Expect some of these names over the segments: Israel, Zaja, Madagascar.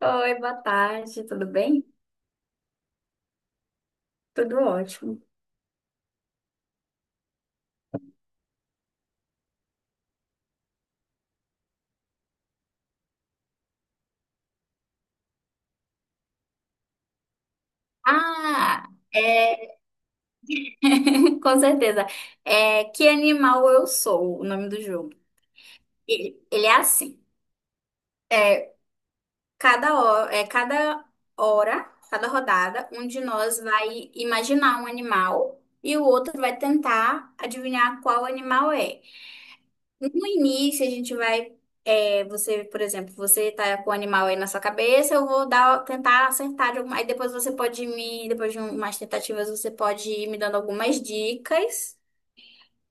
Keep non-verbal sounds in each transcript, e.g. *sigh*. Oi, boa tarde, tudo bem? Tudo ótimo. Ah, é, *laughs* com certeza. É, que animal eu sou, o nome do jogo. Ele é assim. é Cada hora, cada rodada, um de nós vai imaginar um animal e o outro vai tentar adivinhar qual animal é. No início, a gente vai. Você, por exemplo, você tá com o animal aí na sua cabeça, eu vou dar, tentar acertar de alguma. Aí depois você pode me. Depois de umas tentativas, você pode ir me dando algumas dicas.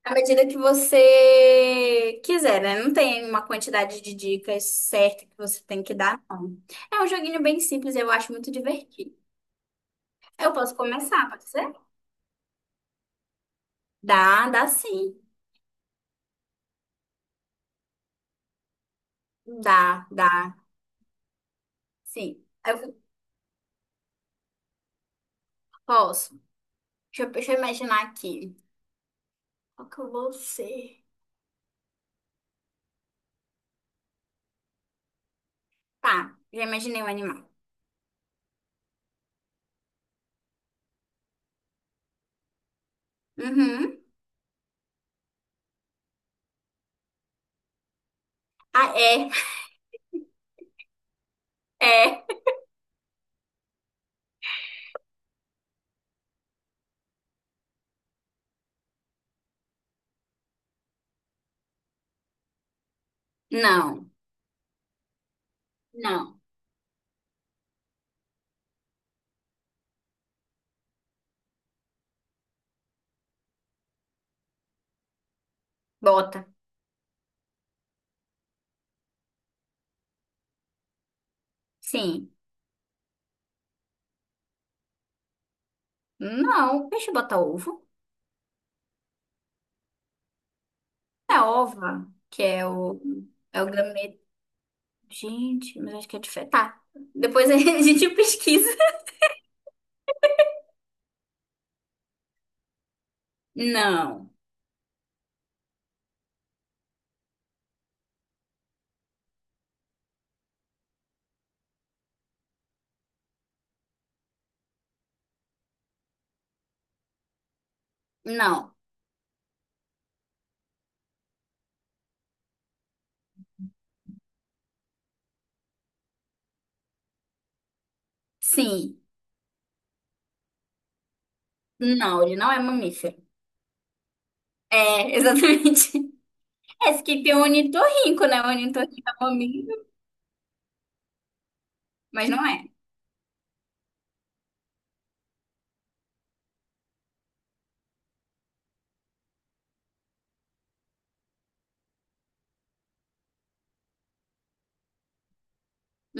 À medida que você quiser, né? Não tem uma quantidade de dicas certa que você tem que dar, não. É um joguinho bem simples, eu acho muito divertido. Eu posso começar, pode ser? Dá sim. Dá, dá, sim. Eu posso. Deixa eu imaginar aqui. Qual que eu vou ser? Tá, já imaginei um animal. Uhum. Ah, é, é. Não, não. Bota. Sim. Não, o peixe bota ovo. É ova, é o gameto. Gente, mas acho que é diferente. Tá, depois a *laughs* gente pesquisa. Não, não. Sim. Não, ele não é mamífero. É, *laughs* exatamente. Esse que tem o ornitorrinco, né? O ornitorrinco é mamífero, mas não é.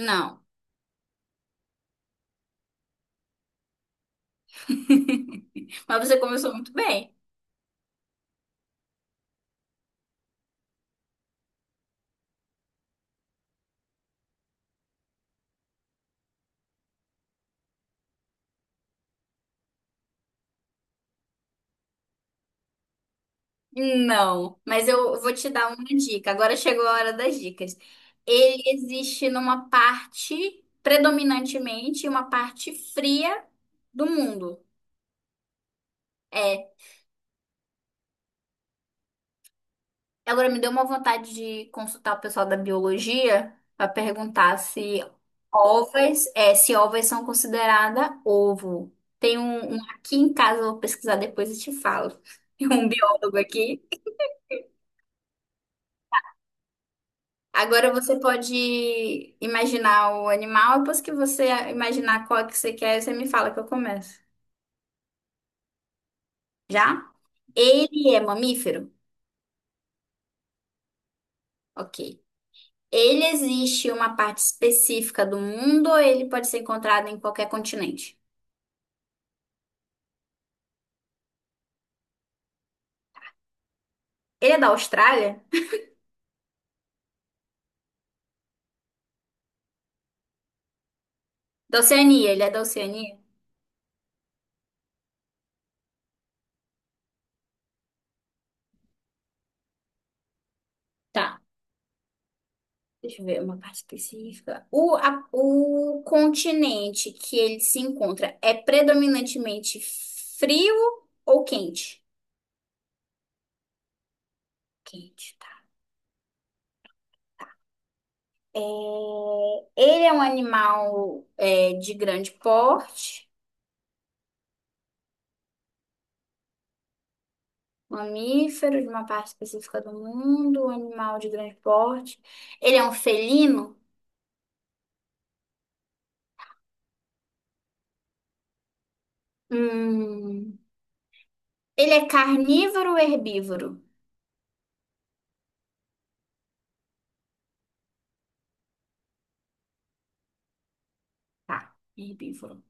Não. *laughs* Mas você começou muito bem. Não, mas eu vou te dar uma dica. Agora chegou a hora das dicas. Ele existe numa parte predominantemente, uma parte fria do mundo. É. Agora me deu uma vontade de consultar o pessoal da biologia para perguntar se ovas, se ovas são consideradas ovo. Tem um aqui em casa, eu vou pesquisar depois e te falo. *laughs* Tem um biólogo aqui. Agora você pode imaginar o animal, depois que você imaginar qual que você quer, você me fala que eu começo. Já? Ele é mamífero? Ok. Ele existe em uma parte específica do mundo ou ele pode ser encontrado em qualquer continente? Ele é da Austrália? Da Oceania, ele é da Oceania? Tá. Deixa eu ver uma parte específica. O continente que ele se encontra é predominantemente frio ou quente? Quente, tá. É, Ele é um animal de grande porte, mamífero de uma parte específica do mundo, um animal de grande porte. Ele é um felino? Hum, ele é carnívoro ou herbívoro? Tá, herbívoro.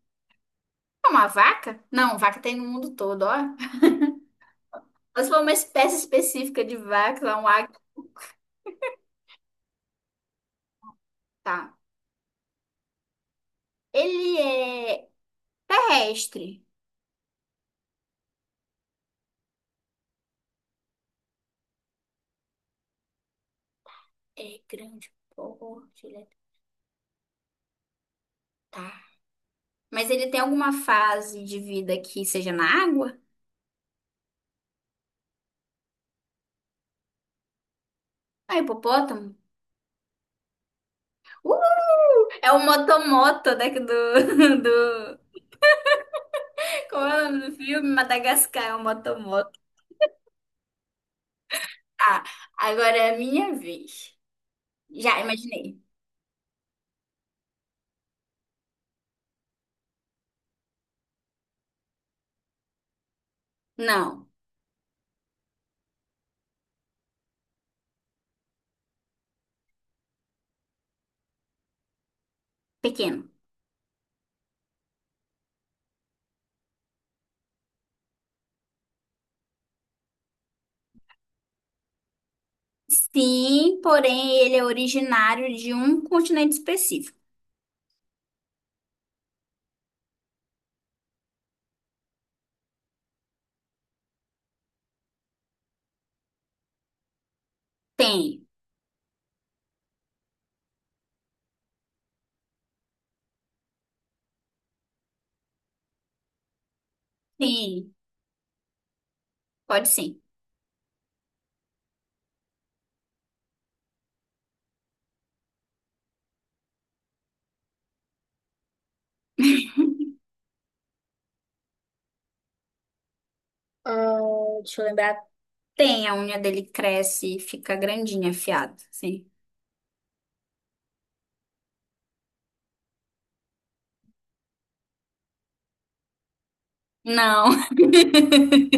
É uma vaca? Não, vaca tem no mundo todo, ó. Mas foi uma espécie específica de vaca, lá um águia. Tá. Ele é terrestre. É grande porte, ele é... Tá. Mas ele tem alguma fase de vida que seja na água? Ah, hipopótamo? Uh, é o motomoto daqui do, *laughs* do... Como é o nome do filme? Madagascar é o motomoto. Ah, agora é a minha vez. Já imaginei. Não, pequeno. Sim, porém ele é originário de um continente específico. Tem, tem, pode sim. Ah, deixa eu lembrar. Tem, a unha dele cresce e fica grandinha, afiada. Sim. Não. *laughs*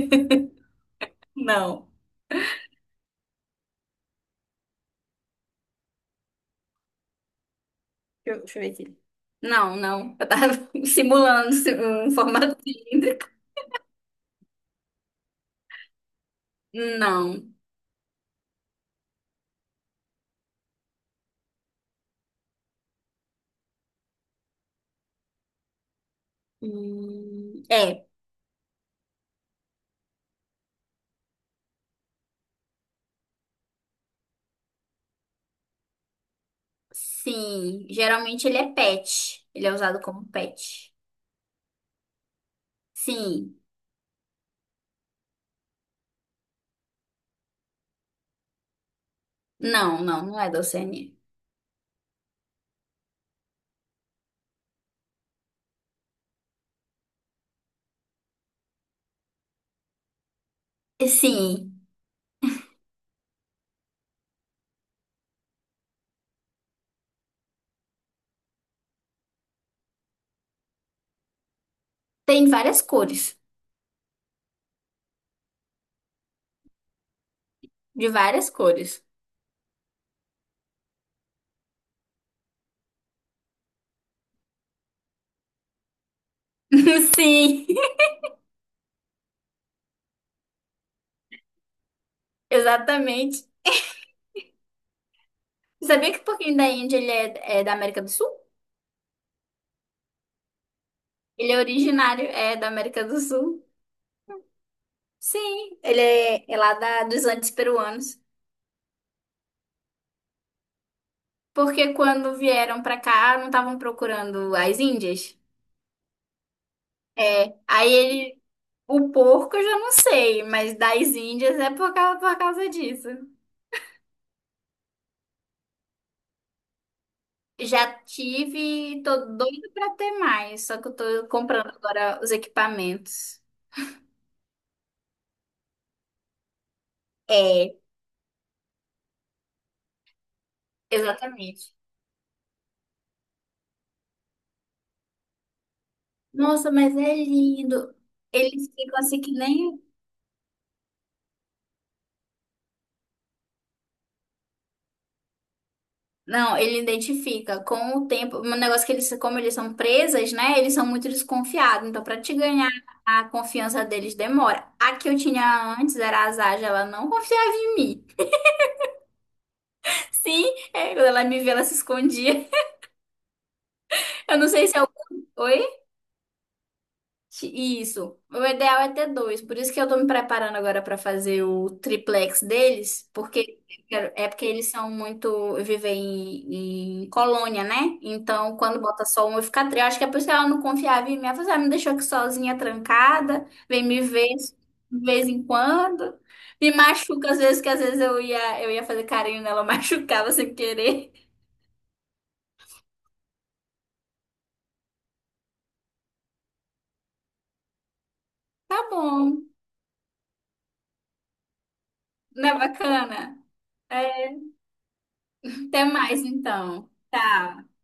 Não. Deixa eu ver aqui. Não, não. Eu tava *laughs* simulando um formato cilíndrico. Não. É. Sim. Geralmente ele é pet. Ele é usado como pet. Sim. Não, não, não é da Oceania. Sim. Tem várias cores. De várias cores. *laughs* Sim, exatamente. Você sabia que o porquinho da Índia é da América do Sul? Ele é originário, é da América do Sul. Sim, ele é, é lá dos Andes peruanos. Porque quando vieram pra cá, não estavam procurando as Índias? É, aí ele, o porco eu já não sei, mas das Índias é por causa disso. Já tive, tô doida pra ter mais, só que eu tô comprando agora os equipamentos. É, exatamente. Nossa, mas é lindo. Eles ficam assim que nem... Não, ele identifica com o tempo. Um negócio que eles, como eles são presas, né? Eles são muito desconfiados. Então, para te ganhar a confiança deles, demora. A que eu tinha antes era a Zaja, ela não confiava em mim. Sim, é, quando ela me vê, ela se escondia. Eu não sei se é o. Oi? Que- Isso. O ideal é ter dois. Por isso que eu tô me preparando agora para fazer o triplex deles, porque eu quero- é porque eles são muito vivem em colônia, né? Então, quando bota só um, eu fico triste. Eu acho que é por isso que ela não confiava em mim. Ela falou assim, "Ah, me deixou aqui sozinha, trancada, vem me ver de vez em quando. Me machuca às vezes, que às vezes eu ia fazer carinho nela, *laughs* eu machucava sem querer." Tá bom. Não é bacana? É, até mais então. Tchau.